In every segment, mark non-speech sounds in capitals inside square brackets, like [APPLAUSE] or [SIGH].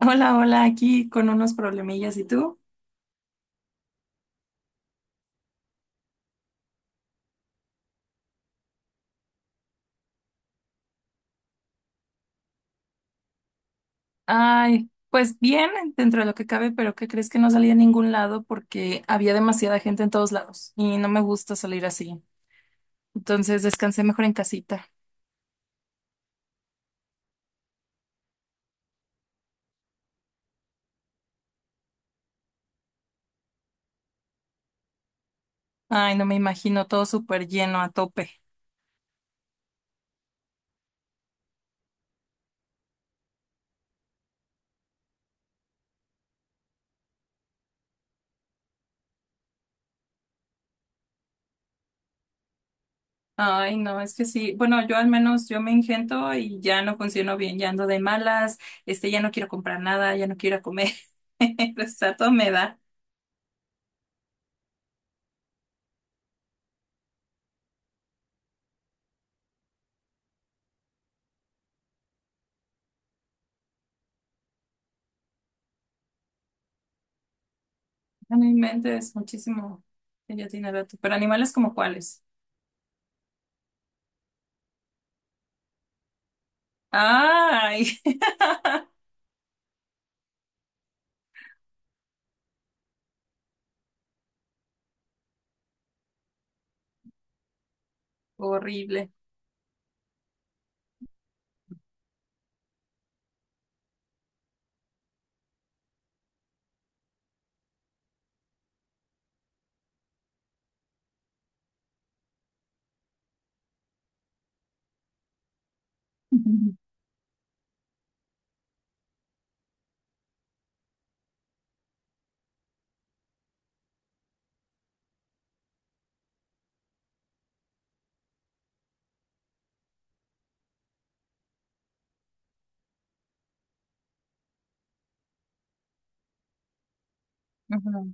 Hola, hola, aquí con unos problemillas. ¿Y tú? Ay, pues bien, dentro de lo que cabe, pero ¿qué crees que no salí a ningún lado porque había demasiada gente en todos lados y no me gusta salir así? Entonces descansé mejor en casita. Ay, no me imagino todo súper lleno a tope. Ay, no, es que sí. Bueno, yo al menos yo me ingento y ya no funciono bien, ya ando de malas, ya no quiero comprar nada, ya no quiero ir a comer. [LAUGHS] Pues a todo me da. A mi mente es muchísimo. Que Ya tiene rato. Pero animales como cuáles. Ay, [LAUGHS] horrible. Ujú. Ujú.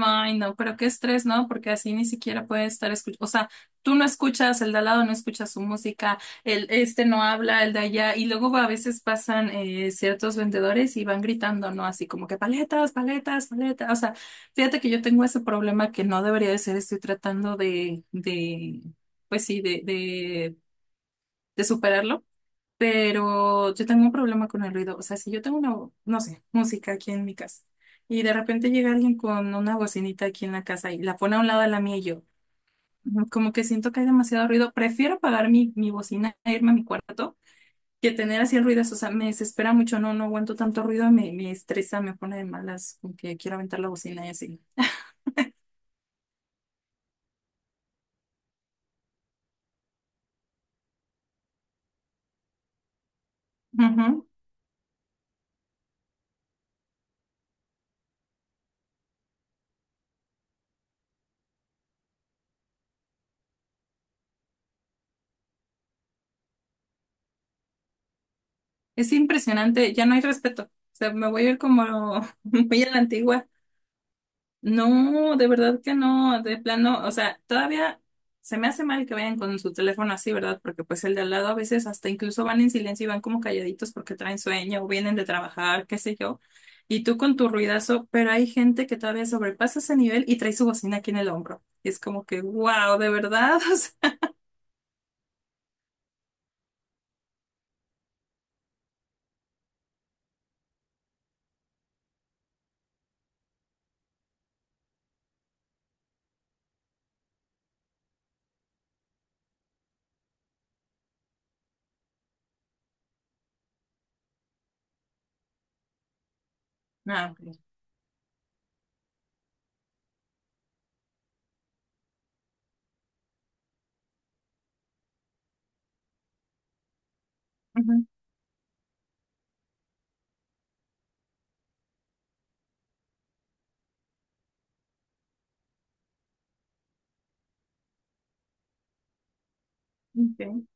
Ay, no, pero qué estrés, ¿no? Porque así ni siquiera puede estar escuchando. O sea, tú no escuchas, el de al lado no escucha su música, el este no habla, el de allá. Y luego a veces pasan ciertos vendedores y van gritando, ¿no? Así como que paletas, paletas, paletas. O sea, fíjate que yo tengo ese problema que no debería de ser, estoy tratando pues sí, de superarlo. Pero yo tengo un problema con el ruido. O sea, si yo tengo una, no sé, música aquí en mi casa y de repente llega alguien con una bocinita aquí en la casa y la pone a un lado de la mía y yo, como que siento que hay demasiado ruido, prefiero apagar mi bocina e irme a mi cuarto que tener así el ruido. O sea, me desespera mucho, no, no aguanto tanto ruido, me estresa, me pone de malas, como que quiero aventar la bocina y así. Ujú. Es impresionante, ya no hay respeto. O sea, me voy a ir como [LAUGHS] muy a la antigua. No, de verdad que no, de plano, o sea, todavía se me hace mal que vayan con su teléfono así, ¿verdad? Porque pues el de al lado a veces hasta incluso van en silencio y van como calladitos porque traen sueño o vienen de trabajar, qué sé yo, y tú con tu ruidazo, pero hay gente que todavía sobrepasa ese nivel y trae su bocina aquí en el hombro. Y es como que, wow, de verdad, [LAUGHS] o sea, ah, ok. Ujú, ok,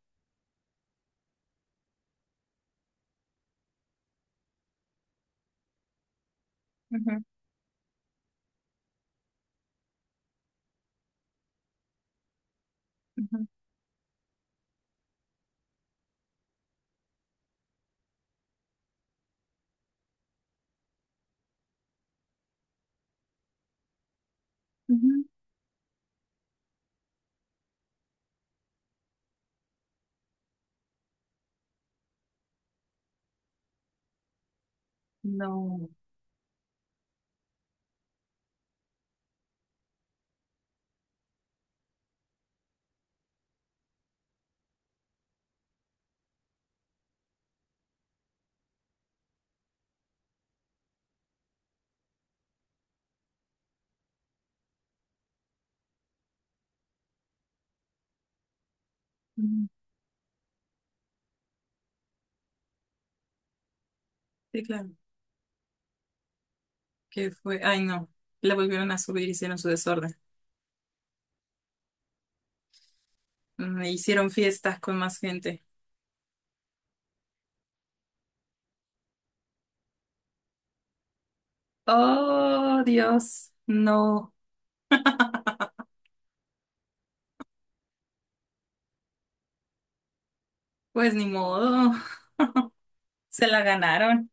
ujú, ujú, ujú. No. Ujú. Sí, claro. ¿Qué fue? Ay, no. La volvieron a subir, hicieron su desorden. Mm, hicieron fiestas con más gente. Oh, Dios, no, pues ni modo, [LAUGHS] se la ganaron.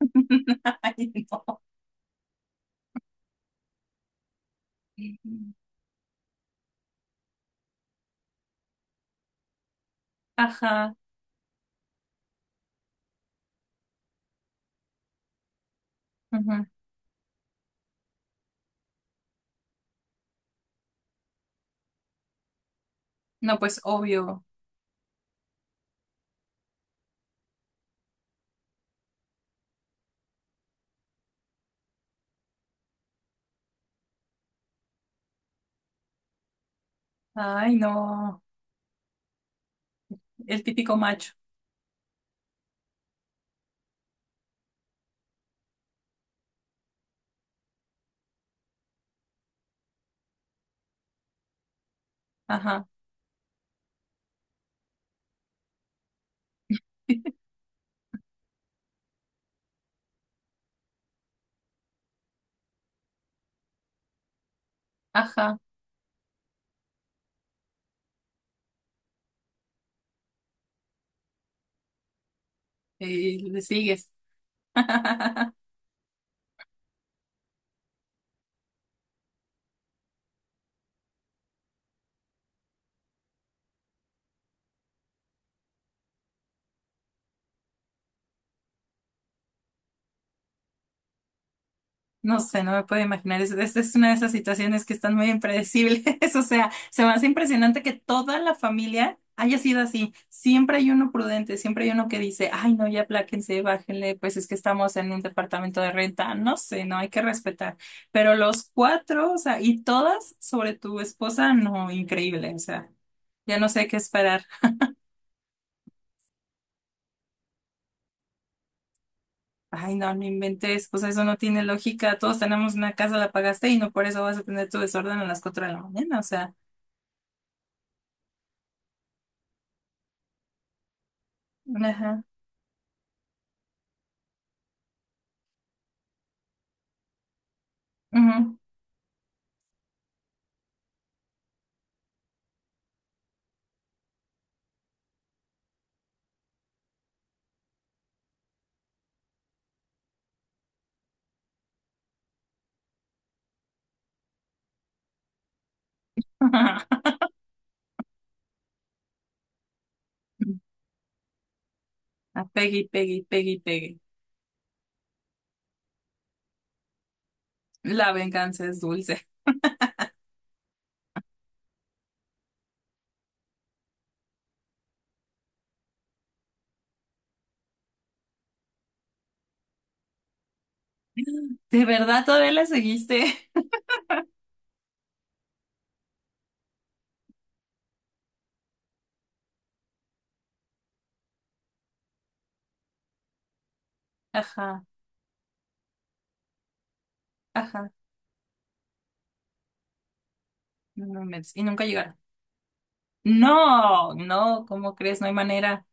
[LAUGHS] Ay, no. Ajá, ujú. No, pues obvio. Ay, no, el típico macho. Ajá, [LAUGHS] ajá, y le sigues. [LAUGHS] No sé, no me puedo imaginar. Es una de esas situaciones que están muy impredecibles. [LAUGHS] O sea, se me hace impresionante que toda la familia haya sido así. Siempre hay uno prudente, siempre hay uno que dice, ay, no, ya apláquense, bájenle, pues es que estamos en un departamento de renta. No sé, no hay que respetar. Pero los cuatro, o sea, y todas sobre tu esposa, no, increíble. O sea, ya no sé qué esperar. Ay, no, no inventes. Pues eso no tiene lógica. Todos tenemos una casa, la pagaste y no por eso vas a tener tu desorden a las cuatro de la mañana. O sea. Ajá. Ujú. [LAUGHS] A Peggy, Peggy, Peggy, Peggy. La venganza es dulce. ¿De verdad todavía la seguiste? [LAUGHS] Ajá, ajá. No me inventes. Y nunca llegaron. No, no, ¿cómo crees? No hay manera.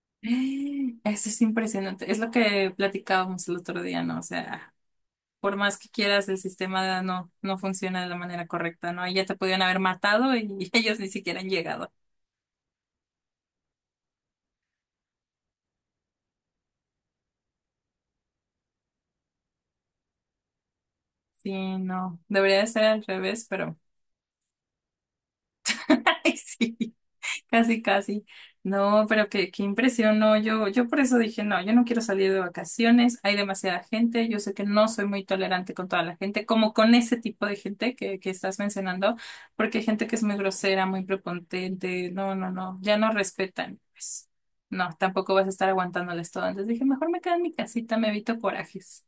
[GASPS] Eso es impresionante. Es lo que platicábamos el otro día, ¿no? O sea, por más que quieras, el sistema no, no funciona de la manera correcta, ¿no? Ya te podían haber matado y [LAUGHS] ellos ni siquiera han llegado. Sí, no. Debería de ser al revés, pero. [LAUGHS] Ay, sí. [LAUGHS] Casi, casi. No, pero qué impresión, no, yo por eso dije, no, yo no quiero salir de vacaciones, hay demasiada gente, yo sé que no soy muy tolerante con toda la gente, como con ese tipo de gente que estás mencionando, porque hay gente que es muy grosera, muy prepotente, no, no, no, ya no respetan, pues, no, tampoco vas a estar aguantándoles todo, entonces dije, mejor me quedo en mi casita, me evito corajes.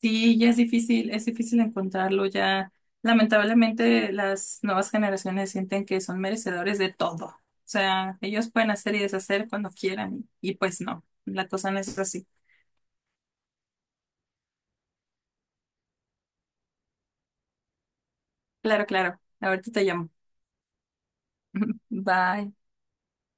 Sí, ya es difícil encontrarlo ya. Lamentablemente, las nuevas generaciones sienten que son merecedores de todo. O sea, ellos pueden hacer y deshacer cuando quieran y pues no, la cosa no es así. Claro, claro. Ahorita te llamo. [LAUGHS] Bye.